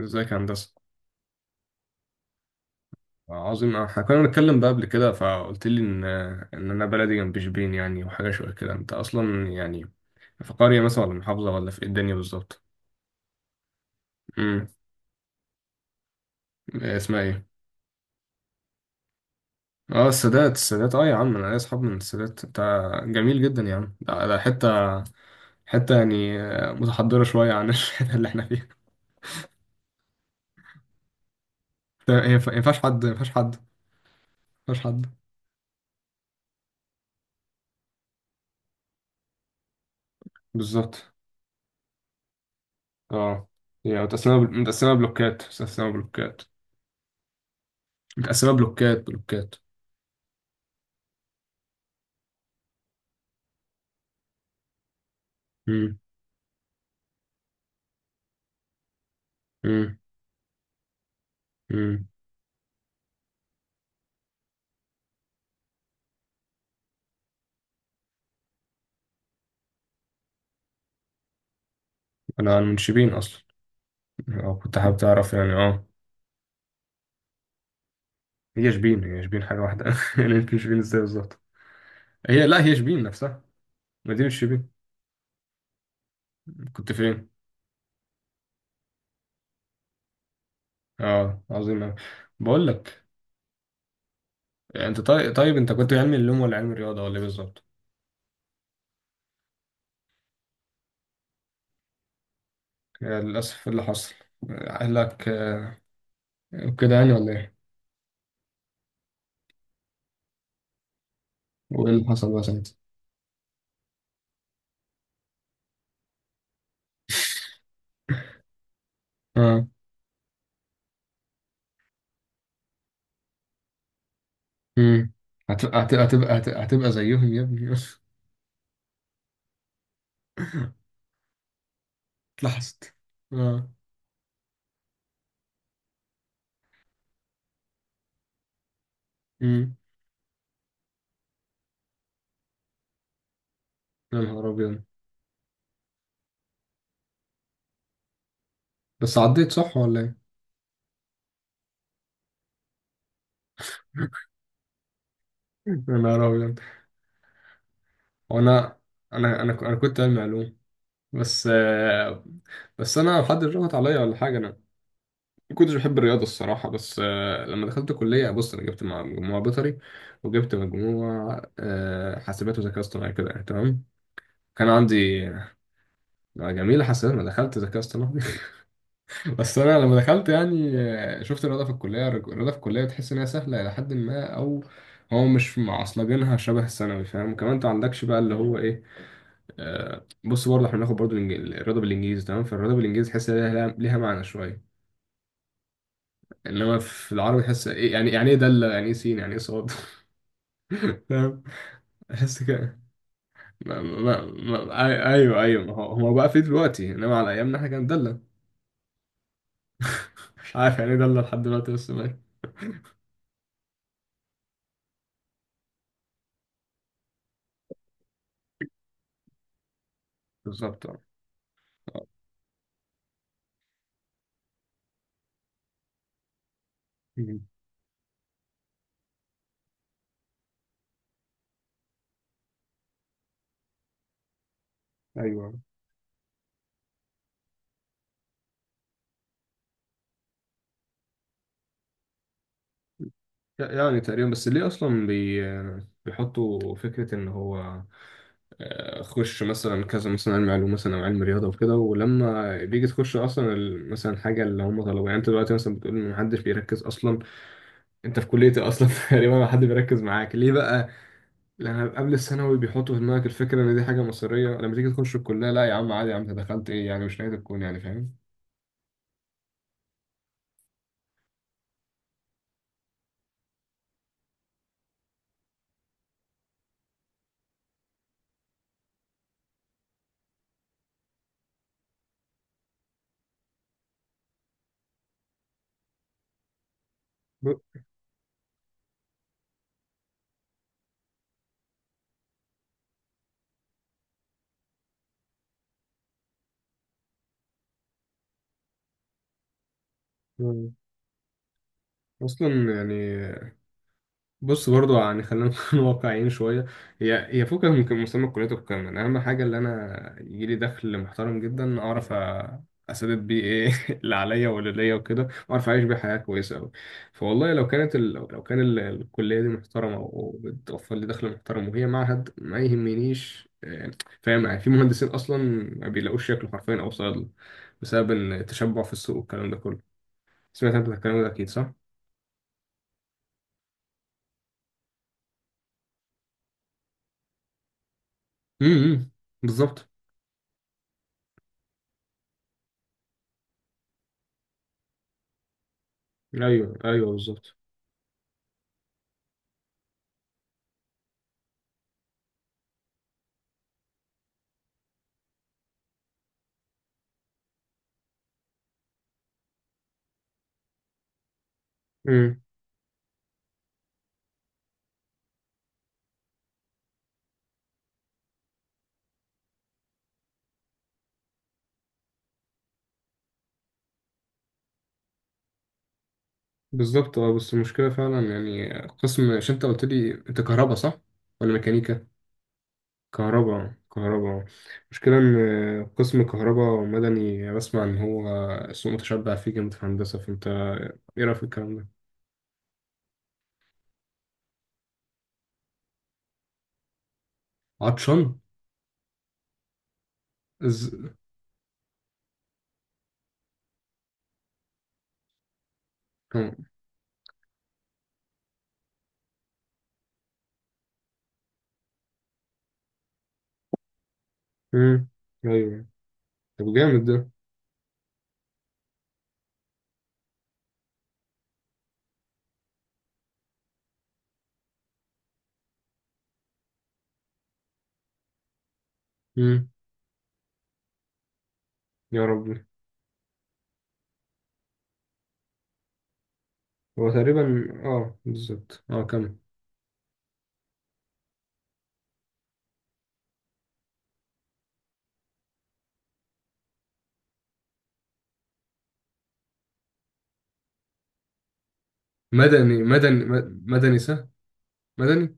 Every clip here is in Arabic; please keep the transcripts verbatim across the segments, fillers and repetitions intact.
ازيك يا هندسة. عظيم، احنا كنا بنتكلم بقى قبل كده فقلت لي ان ان انا بلدي جنب شبين يعني، وحاجة شوية كده. انت اصلا يعني في قرية مثلا، ولا محافظة، ولا في ايه الدنيا بالظبط؟ امم إيه اسمها ايه؟ اه، السادات، السادات. اه يا عم، انا ليا اصحاب من السادات. انت جميل جدا يا عم. ده, ده حتة، حتة يعني آه، متحضرة شوية عن الحتة اللي احنا فيها. ده هي ف- ما ينفعش حد، ما ينفعش حد، ما ينفعش حد. بالظبط. اه، هي متقسمة بل- متقسمة بلوكات، متقسمة بلوكات، متقسمة بلوكات بلوكات. امم مم. انا من شبين اصلا، أو كنت حابب تعرف يعني، اه. هي شبين هي شبين حاجه واحده يعني. يمكن شبين ازاي بالظبط؟ هي، لا، هي شبين نفسها. مدينه شبين. كنت فين؟ اه، عظيم أوي. بقول لك يعني، انت، طيب طيب، انت كنت علمي علوم ولا علمي رياضه ولا ايه بالظبط؟ يعني للاسف إيه اللي حصل اهلك آه، كده يعني ولا ايه؟ وايه اللي حصل بقى ساعتها؟ اه. امم هتبقى هتبقى هتبقى هت- هتبقى زيهم يا ابني. اتلحست. اه. امم يا نهار ابيض. بس عديت صح ولا ايه؟ يا نهار أبيض. وأنا أنا أنا أنا ك- انا كنت علمي علوم، بس آه، بس أنا حد ضغط عليا ولا حاجة. أنا ما كنتش بحب الرياضة الصراحة، بس آه، لما دخلت كلية بص أنا جبت مع- مجموعة بيطري، وجبت مجموعة آه، حاسبات وذكاء اصطناعي كده يعني، تمام. كان عندي جميلة حاسبات، ما دخلت ذكاء اصطناعي. بس انا لما دخلت يعني، آه، شفت الرياضه في الكليه الرياضه في الكليه تحس ان هي سهله الى حد ما، او هو مش معصلجينها شبه الثانوي، فاهم. كمان انت عندكش بقى اللي هو ايه، آه. بص، برضه احنا بناخد برضه الإنج- الرياضه بالانجليزي، تمام. فالرياضه بالانجليزي تحس إن ليها ليها معنى شويه. انما في العربي تحس ايه؟ يعني يعني ايه دالة، يعني ايه سين، يعني ايه صاد. فاهم. تحس كده. ما ما ما أي- ايوه، ايوه. ما هو هو بقى في دلوقتي، انما على ايامنا احنا كان دالة. مش عارف يعني ايه دالة لحد دلوقتي، بس ماشي. بالظبط آه. مم. ايوه. يعني تقريبا، بس ليه اصلا بي... بيحطوا فكره ان هو، آه، خش مثلا كذا، مثلا علم علوم، مثلا او علم رياضه وكده. ولما بيجي تخش اصلا ال- مثلا حاجه اللي هم طلبوها. يعني انت دلوقتي مثلا بتقول ان محدش بيركز اصلا، انت في كليه إيه اصلا؟ تقريبا ما حد بيركز معاك ليه بقى؟ لان قبل الثانوي بيحطوا في دماغك الفكره ان دي حاجه مصيريه، لما تيجي تخش الكليه، لا يا عم، عادي يا عم، انت دخلت ايه يعني؟ مش نهايه الكون يعني، فاهم. ب- اصلا يعني، بص برضو يعني، خلينا نكون واقعيين شوية. هي هي فكرة، يمكن مسمى الكلية والكلام ده. أنا أهم حاجة اللي أنا يجيلي دخل محترم جدا، أعرف أ- أسدد بيه إيه اللي عليا واللي ليا وكده، وأعرف أعيش بيه حياة كويسة أوي. فوالله لو كانت ال... لو كان ال... الكلية دي محترمة وبتوفر لي دخل محترم، وهي معهد ما يهمنيش آه، فاهم يعني. في مهندسين أصلا ما بيلاقوش شكل حرفيا، أو صيادلة، بسبب التشبع في السوق والكلام ده كله. سمعت أنت الكلام ده أكيد صح؟ امم. بالظبط. ايوه، ايوه، بالظبط. امم، بالظبط. اه. بس المشكلة فعلا يعني قسم، عشان انت قلت لي انت كهرباء صح؟ ولا ميكانيكا؟ كهرباء كهرباء. المشكلة ان قسم كهرباء مدني بسمع ان هو سوق متشبع فيه جامد في هندسة، فانت ايه رأيك في الكلام ده؟ عطشان؟ از... اه. امم. ايوه. طب جامد ده. امم. يا ربي. هو تقريبا، اه، بالظبط، اه، كمل. مدني مدني مد- مدني سه، مدني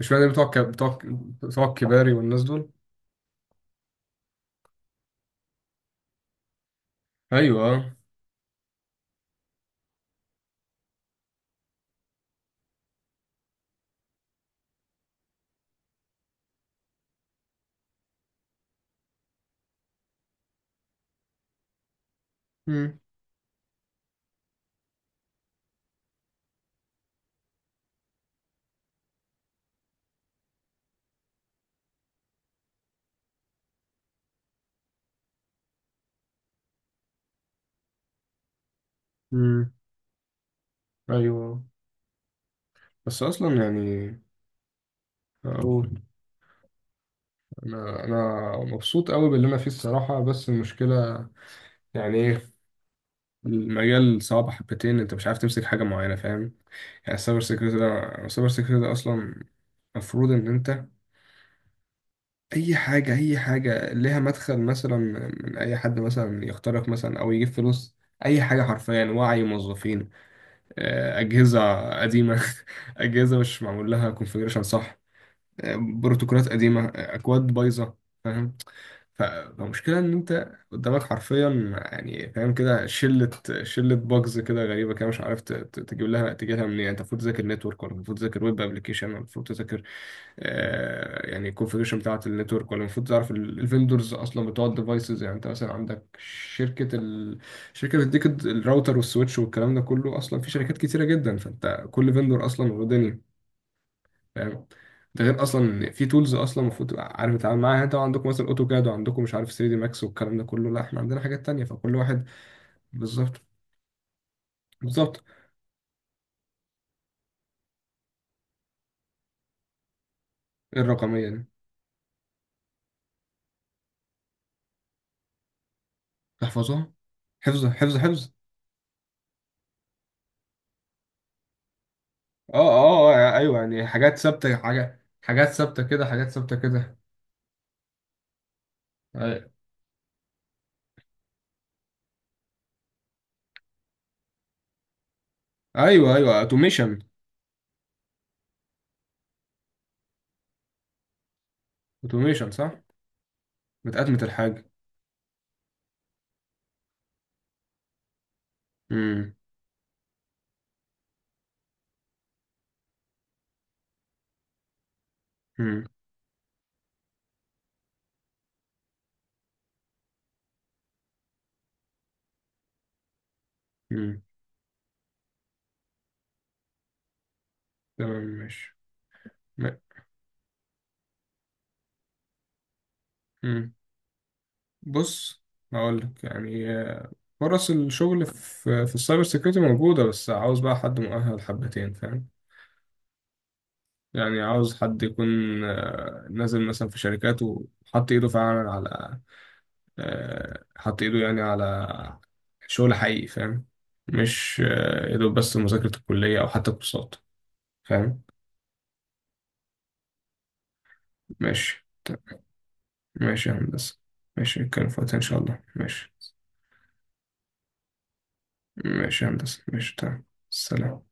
مش مدني بتوع الك- بتوع بتوع الكباري والناس دول. ايوه، اه. مم. مم. ايوه. بس اصلا يعني اقول، انا انا مبسوط قوي باللي انا فيه الصراحه، بس المشكله يعني ايه؟ المجال صعب حبتين، انت مش عارف تمسك حاجه معينه، فاهم. يعني السايبر سيكيورتي ده السايبر سيكيورتي ده اصلا المفروض ان انت، اي حاجه اي حاجه ليها مدخل، مثلا من اي حد، مثلا يخترق مثلا، او يجيب فلوس، اي حاجه حرفيا. وعي موظفين، آه، اجهزه قديمه. اجهزه مش معمول لها كونفيجريشن، صح، بروتوكولات قديمة، أكواد بايظة، فاهم. ف- فالمشكلة إن أنت قدامك حرفيا، يعني فاهم كده، شلة شلة باجز كده غريبة كده، مش عارف ت- ت- تجيب لها تجيب لها منين. أنت المفروض تذاكر نتورك ولا المفروض تذاكر ويب أبلكيشن، ولا المفروض تذاكر آه يعني الكونفيجريشن بتاعة النتورك، ولا المفروض تعرف الفندورز أصلا بتوع الديفايسز. يعني أنت مثلا عندك شركة ال... شركة بتديك الراوتر والسويتش والكلام ده كله. أصلا في شركات كتيرة جدا، فأنت كل فندور أصلا ودنيا، فاهم. ده غير اصلا ان في تولز اصلا المفروض تبقى عارف تتعامل معاها. يعني انتوا عندكم مثلا اوتوكاد، وعندكم مش عارف ثلاثة دي ماكس والكلام ده كله. لا، احنا عندنا حاجات تانية، فكل واحد. بالظبط. بالظبط. إيه الرقميه دي؟ تحفظها؟ حفظ، حفظ، حفظ. اه، اه، آه، يعني ايوه. يعني حاجات ثابته، حاجه حاجات ثابته كده، حاجات ثابته كده. أي- ايوه، ايوه، اوتوميشن. اوتوميشن صح، متأتمة الحاجه. امم. امم. امم. تمام، ماشي. م- امم بص، هقول لك يعني إيه. فرص الشغل في في السايبر سيكيورتي موجودة، بس عاوز بقى حد مؤهل حبتين، فاهم. يعني عاوز حد يكون، آه، نازل مثلا في شركات وحط ايده فعلا على، آه، حط ايده يعني على شغل حقيقي، فاهم. مش آه، يا دوب بس مذاكرة الكلية أو حتى كورسات، فاهم. ماشي، طيب. ماشي يا هندسة. ماشي نتكلم في وقتها إن شاء الله. ماشي، ماشي يا هندسة، ماشي، تمام، سلام.